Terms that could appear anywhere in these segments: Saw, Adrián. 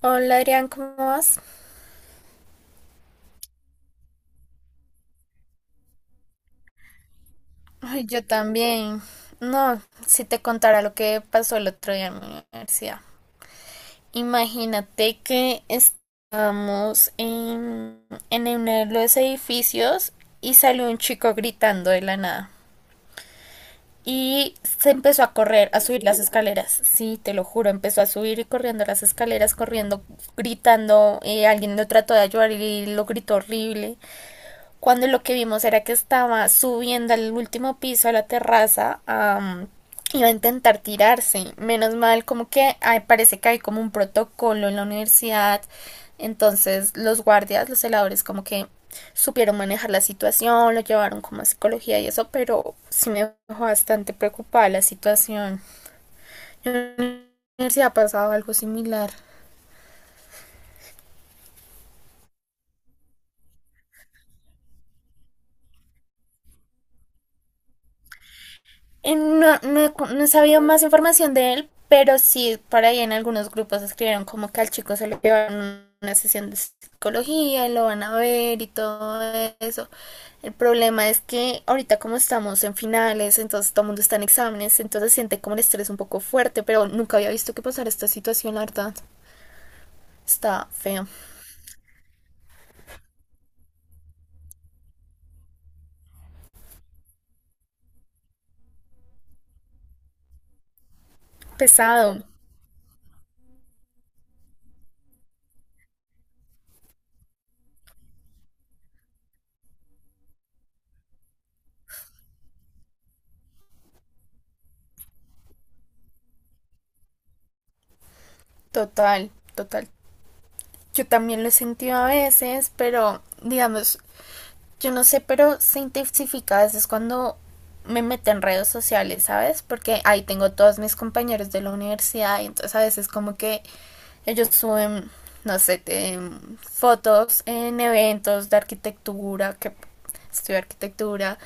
Hola Adrián, ¿cómo vas? Ay, yo también. No, si te contara lo que pasó el otro día en mi universidad. Imagínate que estábamos en uno de los edificios y salió un chico gritando de la nada. Y se empezó a correr, a subir las escaleras. Sí, te lo juro, empezó a subir y corriendo las escaleras, corriendo, gritando. Alguien lo trató de ayudar y lo gritó horrible. Cuando lo que vimos era que estaba subiendo al último piso, a la terraza, a iba a intentar tirarse. Menos mal, como que ay, parece que hay como un protocolo en la universidad. Entonces los guardias, los celadores, como que supieron manejar la situación, lo llevaron como a psicología y eso, pero sí me dejó bastante preocupada la situación. En la universidad ha pasado algo similar. No, no, no sabía más información de él, pero sí, por ahí en algunos grupos escribieron como que al chico se lo llevan una sesión de psicología y lo van a ver y todo eso. El problema es que ahorita como estamos en finales, entonces todo el mundo está en exámenes, entonces siente como el estrés un poco fuerte, pero nunca había visto que pasara esta situación, la verdad. Está feo. Pesado. Total, total. Yo también lo he sentido a veces, pero digamos, yo no sé, pero se intensifica a veces cuando me meto en redes sociales, ¿sabes? Porque ahí tengo todos mis compañeros de la universidad y entonces a veces como que ellos suben, no sé, fotos en eventos de arquitectura, que estudio arquitectura,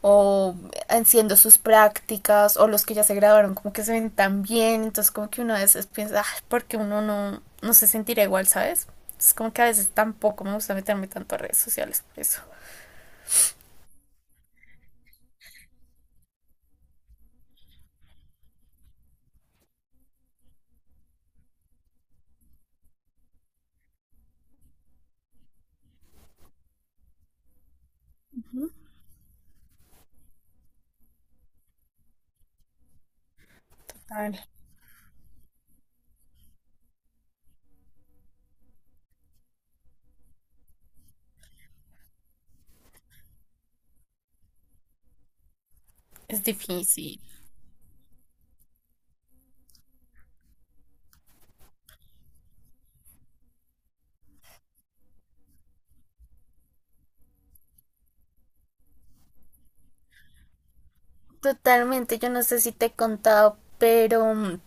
o haciendo sus prácticas, o los que ya se graduaron como que se ven tan bien, entonces como que uno a veces piensa, "Ah, ¿por qué uno no, no se sentirá igual?", ¿sabes? Es como que a veces tampoco me gusta meterme tanto a redes sociales por eso. Total. Es difícil. Totalmente, yo no sé si te he contado, pero mm,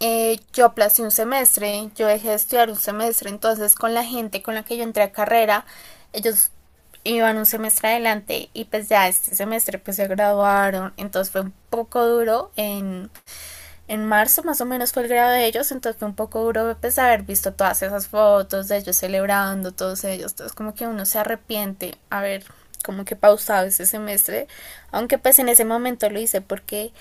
eh, yo aplacé un semestre, yo dejé de estudiar un semestre, entonces con la gente con la que yo entré a carrera, ellos iban un semestre adelante y pues ya este semestre pues se graduaron, entonces fue un poco duro en marzo más o menos fue el grado de ellos, entonces fue un poco duro pues haber visto todas esas fotos de ellos celebrando, todos ellos, entonces como que uno se arrepiente haber como que pausado ese semestre, aunque pues en ese momento lo hice porque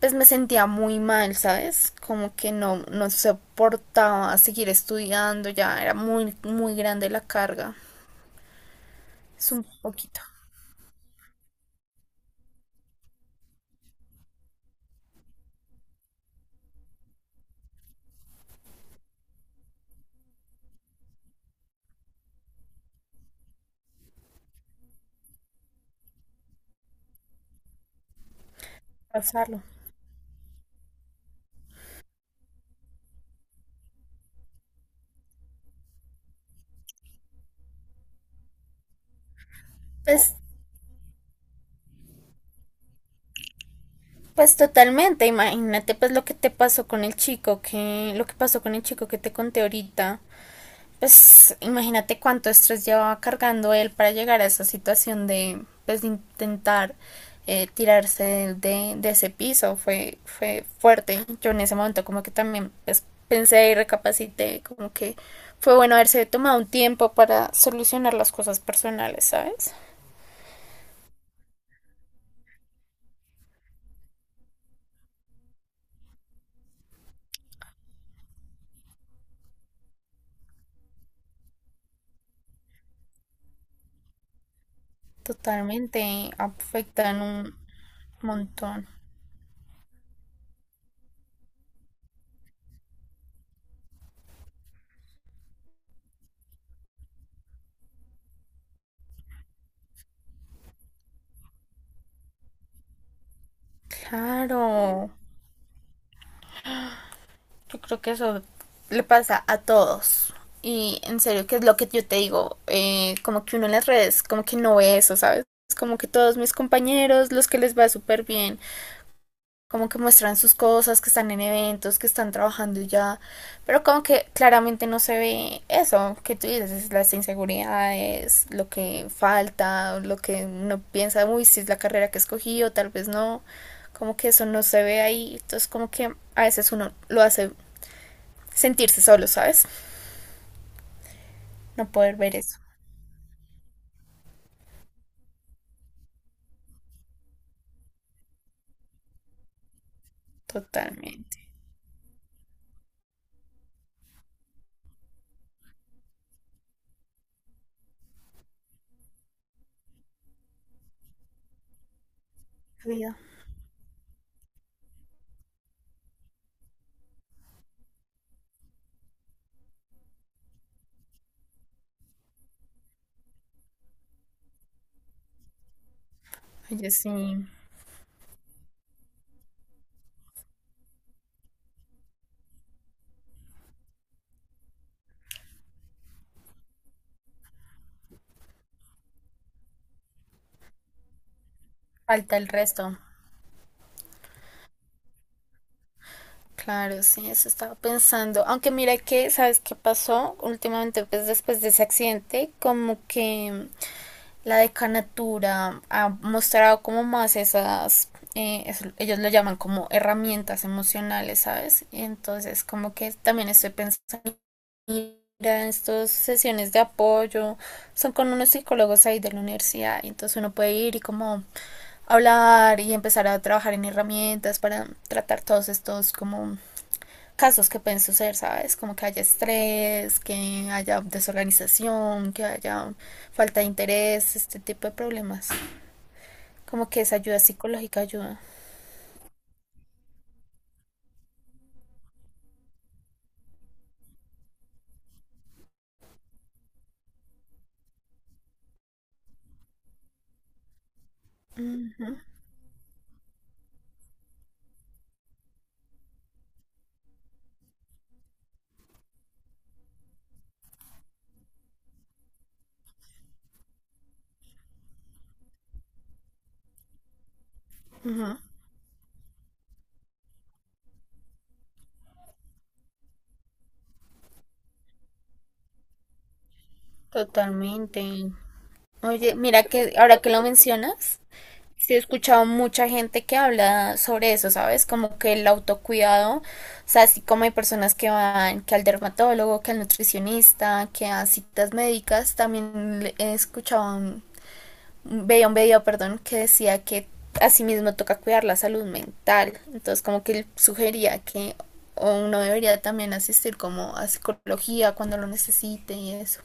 pues me sentía muy mal, ¿sabes? Como que no, no soportaba seguir estudiando, ya era muy, muy grande la carga, es un poquito pasarlo. Pues pues totalmente, imagínate pues lo que te pasó con el chico que, lo que pasó con el chico que te conté ahorita. Pues imagínate cuánto estrés llevaba cargando él para llegar a esa situación de, pues de intentar tirarse de ese piso. Fue, fue fuerte. Yo en ese momento como que también pues pensé y recapacité como que fue bueno haberse tomado un tiempo para solucionar las cosas personales, ¿sabes? Totalmente afectan un montón. Claro, yo creo que eso le pasa a todos. Y en serio, que es lo que yo te digo, como que uno en las redes, como que no ve eso, ¿sabes? Es como que todos mis compañeros, los que les va súper bien, como que muestran sus cosas, que están en eventos, que están trabajando y ya, pero como que claramente no se ve eso que tú dices, es las inseguridades, lo que falta, lo que uno piensa, uy, si es la carrera que escogí o tal vez no, como que eso no se ve ahí, entonces como que a veces uno lo hace sentirse solo, ¿sabes? No poder ver eso totalmente. Oye, sí, falta el resto. Claro, sí, eso estaba pensando. Aunque mira que, ¿sabes qué pasó? Últimamente, pues después de ese accidente, como que la decanatura ha mostrado como más esas, ellos lo llaman como herramientas emocionales, ¿sabes? Y entonces, como que también estoy pensando en estas sesiones de apoyo, son con unos psicólogos ahí de la universidad, y entonces uno puede ir y como hablar y empezar a trabajar en herramientas para tratar todos estos como casos que pueden suceder, ¿sabes? Como que haya estrés, que haya desorganización, que haya falta de interés, este tipo de problemas. Como que esa ayuda psicológica ayuda. Ujú, totalmente. Oye, mira que ahora que lo mencionas, sí he escuchado mucha gente que habla sobre eso, ¿sabes? Como que el autocuidado, o sea, así como hay personas que van, que al dermatólogo, que al nutricionista, que a citas médicas, también he escuchado veía un video, perdón, que decía que asimismo toca cuidar la salud mental. Entonces, como que él sugería que uno debería también asistir como a psicología cuando lo necesite y eso.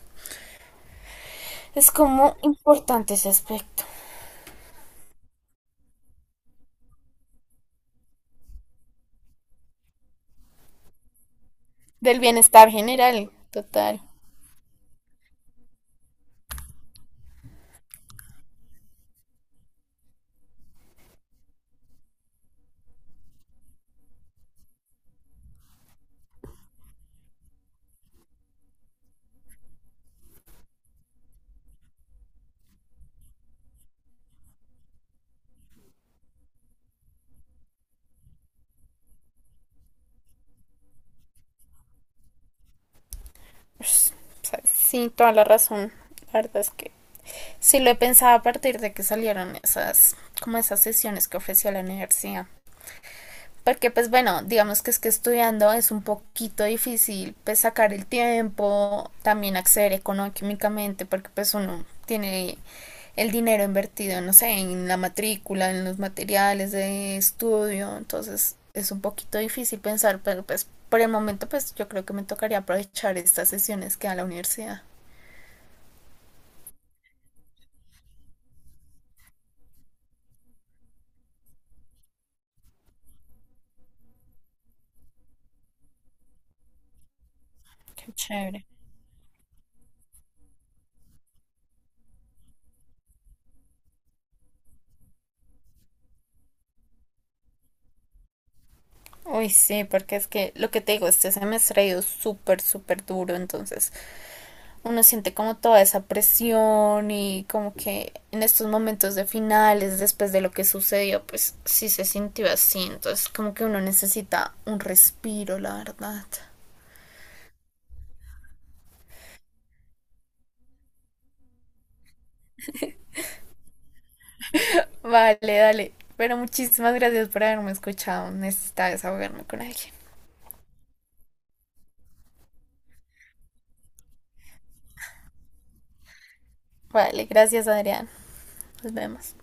Es como importante ese aspecto. Del bienestar general, total. Pues, o sea, sí, toda la razón. La verdad es que sí lo he pensado a partir de que salieron esas, como esas sesiones que ofrecía la universidad. Porque pues bueno, digamos que es que estudiando es un poquito difícil pues sacar el tiempo, también acceder económicamente, porque pues uno tiene el dinero invertido, no sé, en la matrícula, en los materiales de estudio, entonces es un poquito difícil pensar, pero pues por el momento pues yo creo que me tocaría aprovechar estas sesiones que da la universidad. Qué chévere. Uy, sí, porque es que lo que te digo, este semestre ha ido súper, súper duro, entonces uno siente como toda esa presión y como que en estos momentos de finales, después de lo que sucedió, pues sí se sintió así. Entonces como que uno necesita un respiro, la verdad. Vale, dale. Pero muchísimas gracias por haberme escuchado. Necesitaba desahogarme con alguien. Vale, gracias Adrián. Nos vemos.